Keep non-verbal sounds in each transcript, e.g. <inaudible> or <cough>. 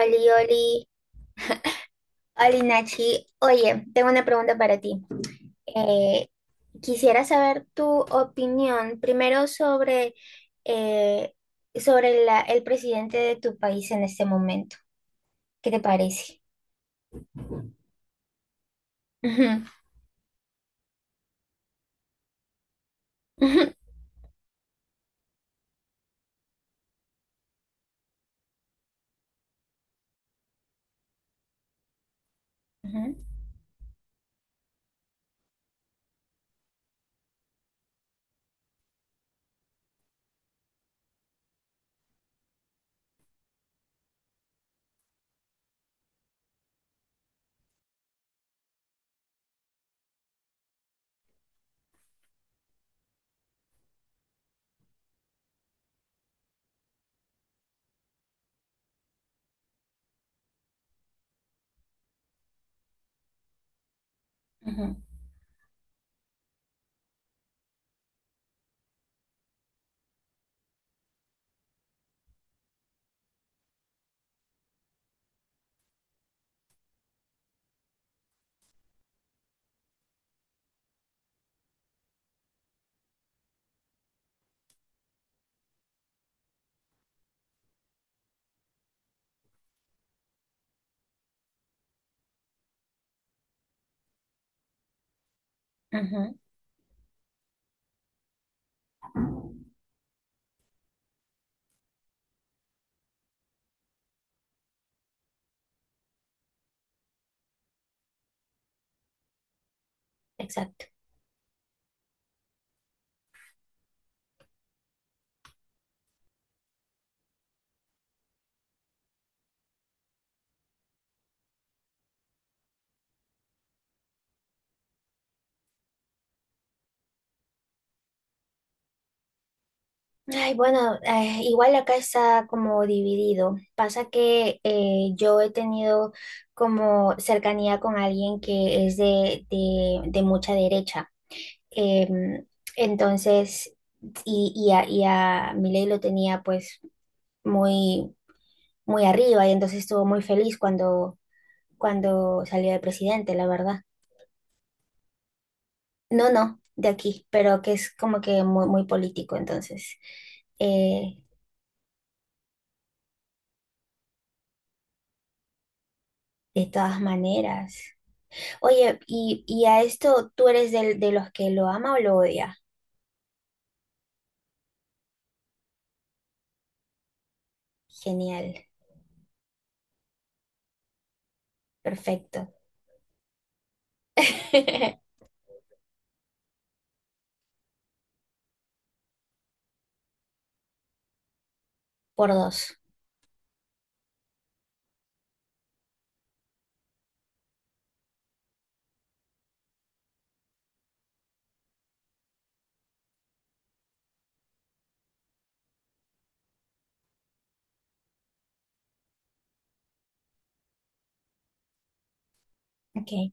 Oli, Oli, Oli Nachi. Oye, tengo una pregunta para ti. Eh, Quisiera saber tu opinión primero eh, sobre el presidente de tu país en este momento. ¿Qué te parece? Ujú, ujú, ujú, ujú, ujú. Exacto. Ay, bueno, igual acá está como dividido. Pasa que yo he tenido como cercanía con alguien que es de, de mucha derecha. Em, entonces, y a Milei lo tenía pues muy, muy arriba y entonces estuvo muy feliz cuando, salió de presidente, la verdad. No, no, de aquí, pero que es como que muy, muy político, entonces, eh, de todas maneras. Oye, y a esto, ¿tú eres de los que lo ama o lo odia? Genial, perfecto. <laughs> Por dos. Ok.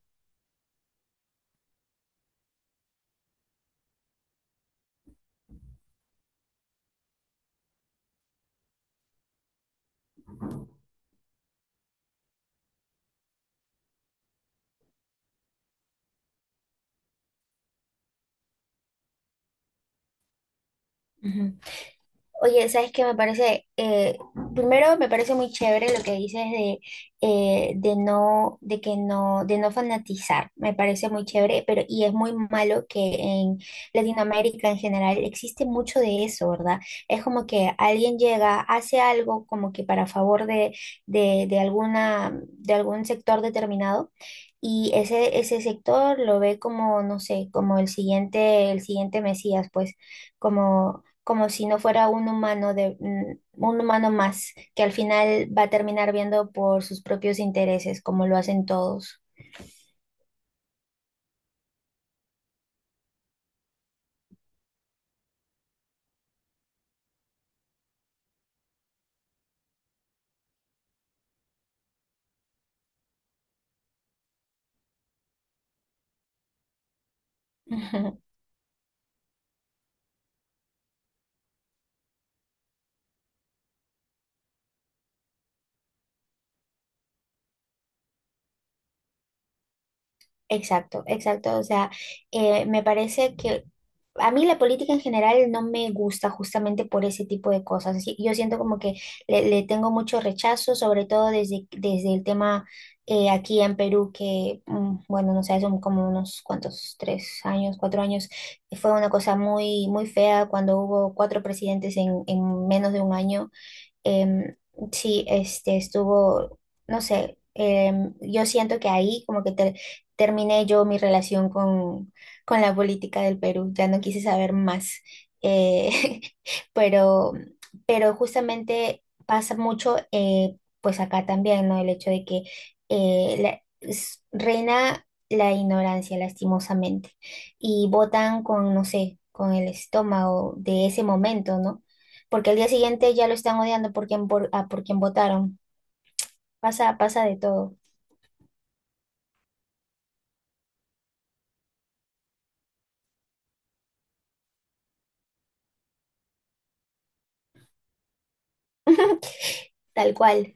Oye, ¿sabes qué me parece? Primero me parece muy chévere lo que dices de no, de que no, de no fanatizar. Me parece muy chévere, pero y es muy malo que en Latinoamérica en general existe mucho de eso, ¿verdad? Es como que alguien llega, hace algo como que para favor de, de algún sector determinado. Y ese sector lo ve como, no sé, como el siguiente Mesías, pues, como como si no fuera un humano más, que al final va a terminar viendo por sus propios intereses, como lo hacen todos. <laughs> Ujú, exacto, exacto. O sea, me parece que a mí la política en general no me gusta justamente por ese tipo de cosas. Yo siento como que le tengo mucho rechazo, sobre todo desde el tema aquí en Perú, que, bueno, no sé, hace como unos cuantos, 3 años, 4 años, fue una cosa muy, muy fea cuando hubo cuatro presidentes en menos de un año. em, sí, este estuvo, no sé. Yo siento que ahí como que terminé yo mi relación con la política del Perú, ya no quise saber más, eh, <laughs> pero, pero justamente pasa mucho, pues acá también, ¿no? El hecho de que reina la ignorancia, lastimosamente, y votan con, no sé, con el estómago de ese momento, ¿no? Porque al día siguiente ya lo están odiando por quien votaron. Pasa de todo, tal cual,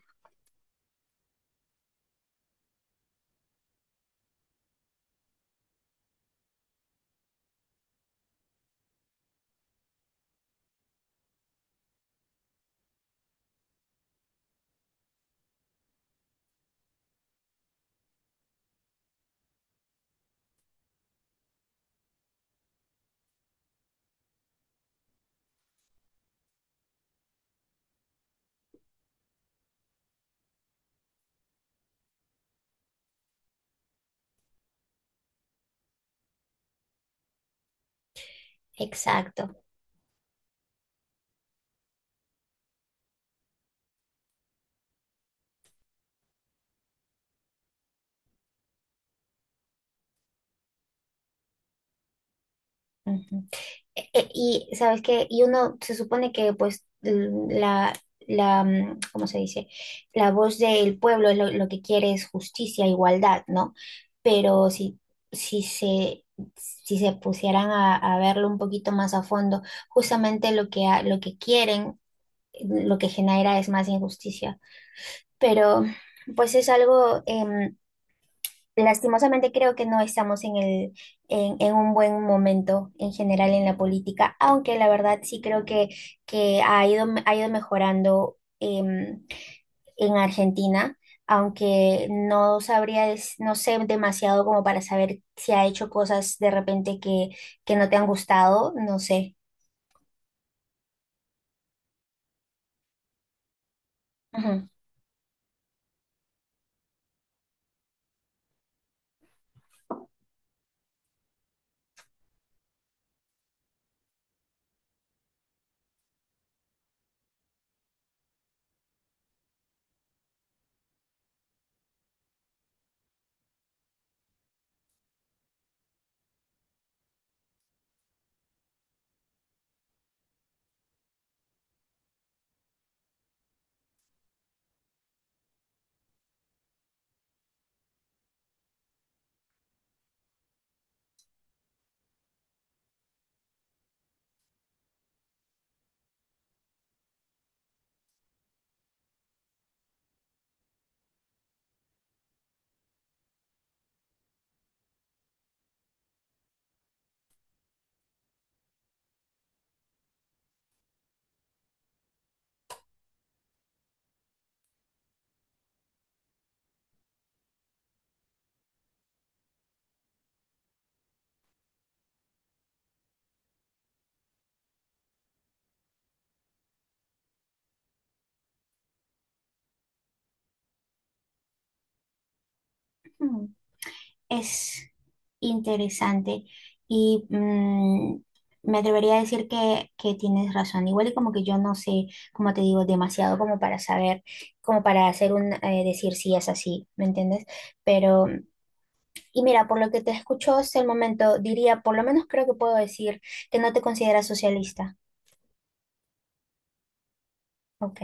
exacto. Ujú. Y sabes qué, y uno se supone que pues la, ¿cómo se dice? La voz del pueblo, lo que quiere es justicia, igualdad, ¿no? Pero si, si se... Si se pusieran a verlo un poquito más a fondo, justamente lo que quieren, lo que genera es más injusticia, pero pues es algo, lastimosamente creo que no estamos en un buen momento en general en la política, aunque la verdad sí creo que ha ido, mejorando em, en Argentina, aunque no sabría, no sé demasiado como para saber si ha hecho cosas de repente que no te han gustado, no sé. Ujú. Es interesante y me atrevería a decir que tienes razón. Igual y como que yo no sé, como te digo, demasiado como para saber, como para hacer decir si es así, ¿me entiendes? Pero, y mira, por lo que te escucho hasta el momento, diría, por lo menos creo que puedo decir que no te consideras socialista. Ok,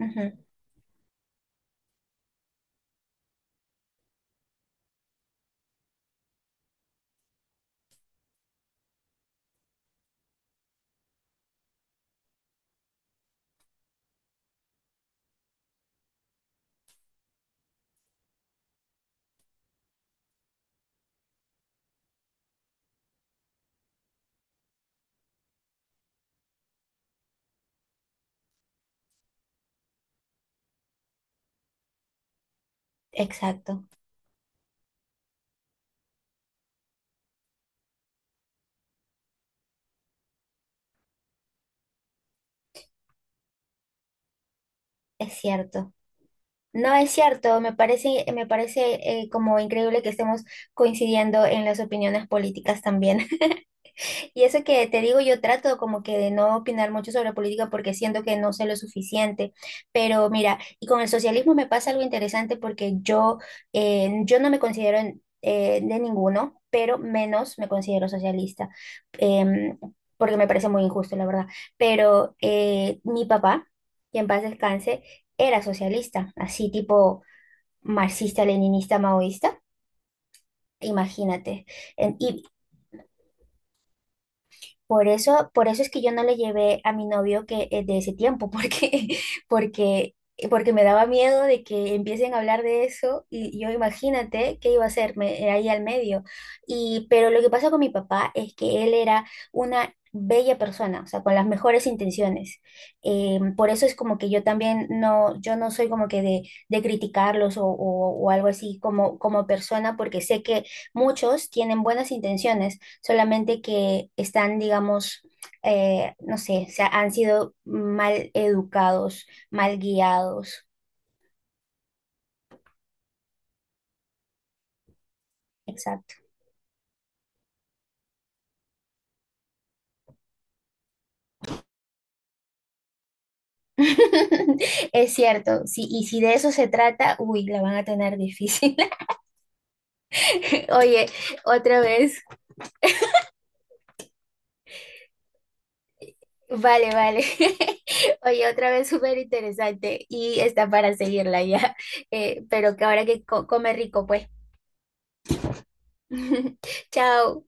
ujú, exacto, es cierto. No es cierto, me parece como increíble que estemos coincidiendo en las opiniones políticas también. Y eso que te digo, yo trato como que de no opinar mucho sobre política porque siento que no sé lo suficiente. Pero mira, y con el socialismo me pasa algo interesante porque yo no me considero de ninguno, pero menos me considero socialista, em, porque me parece muy injusto, la verdad. Pero mi papá, que en paz descanse, era socialista, así tipo marxista, leninista, maoísta. Imagínate. En- Y, por eso es que yo no le llevé a mi novio que de ese tiempo, porque, <laughs> porque, porque me daba miedo de que empiecen a hablar de eso y yo imagínate qué iba a hacerme ahí al medio. Pero lo que pasa con mi papá es que él era una bella persona, o sea, con las mejores intenciones. Por eso es como que yo también no, yo no soy como que de criticarlos, o algo así como persona, porque sé que muchos tienen buenas intenciones, solamente que están, digamos, no sé, han sido mal educados, mal guiados. Exacto. <laughs> Es cierto, sí, y si de eso se trata, uy, la van a tener difícil. <laughs> Oye, otra vez, vale, vale. <laughs> Oye, otra vez súper interesante y está para seguirla ya. Pero que ahora que come rico, pues. <laughs> Chao.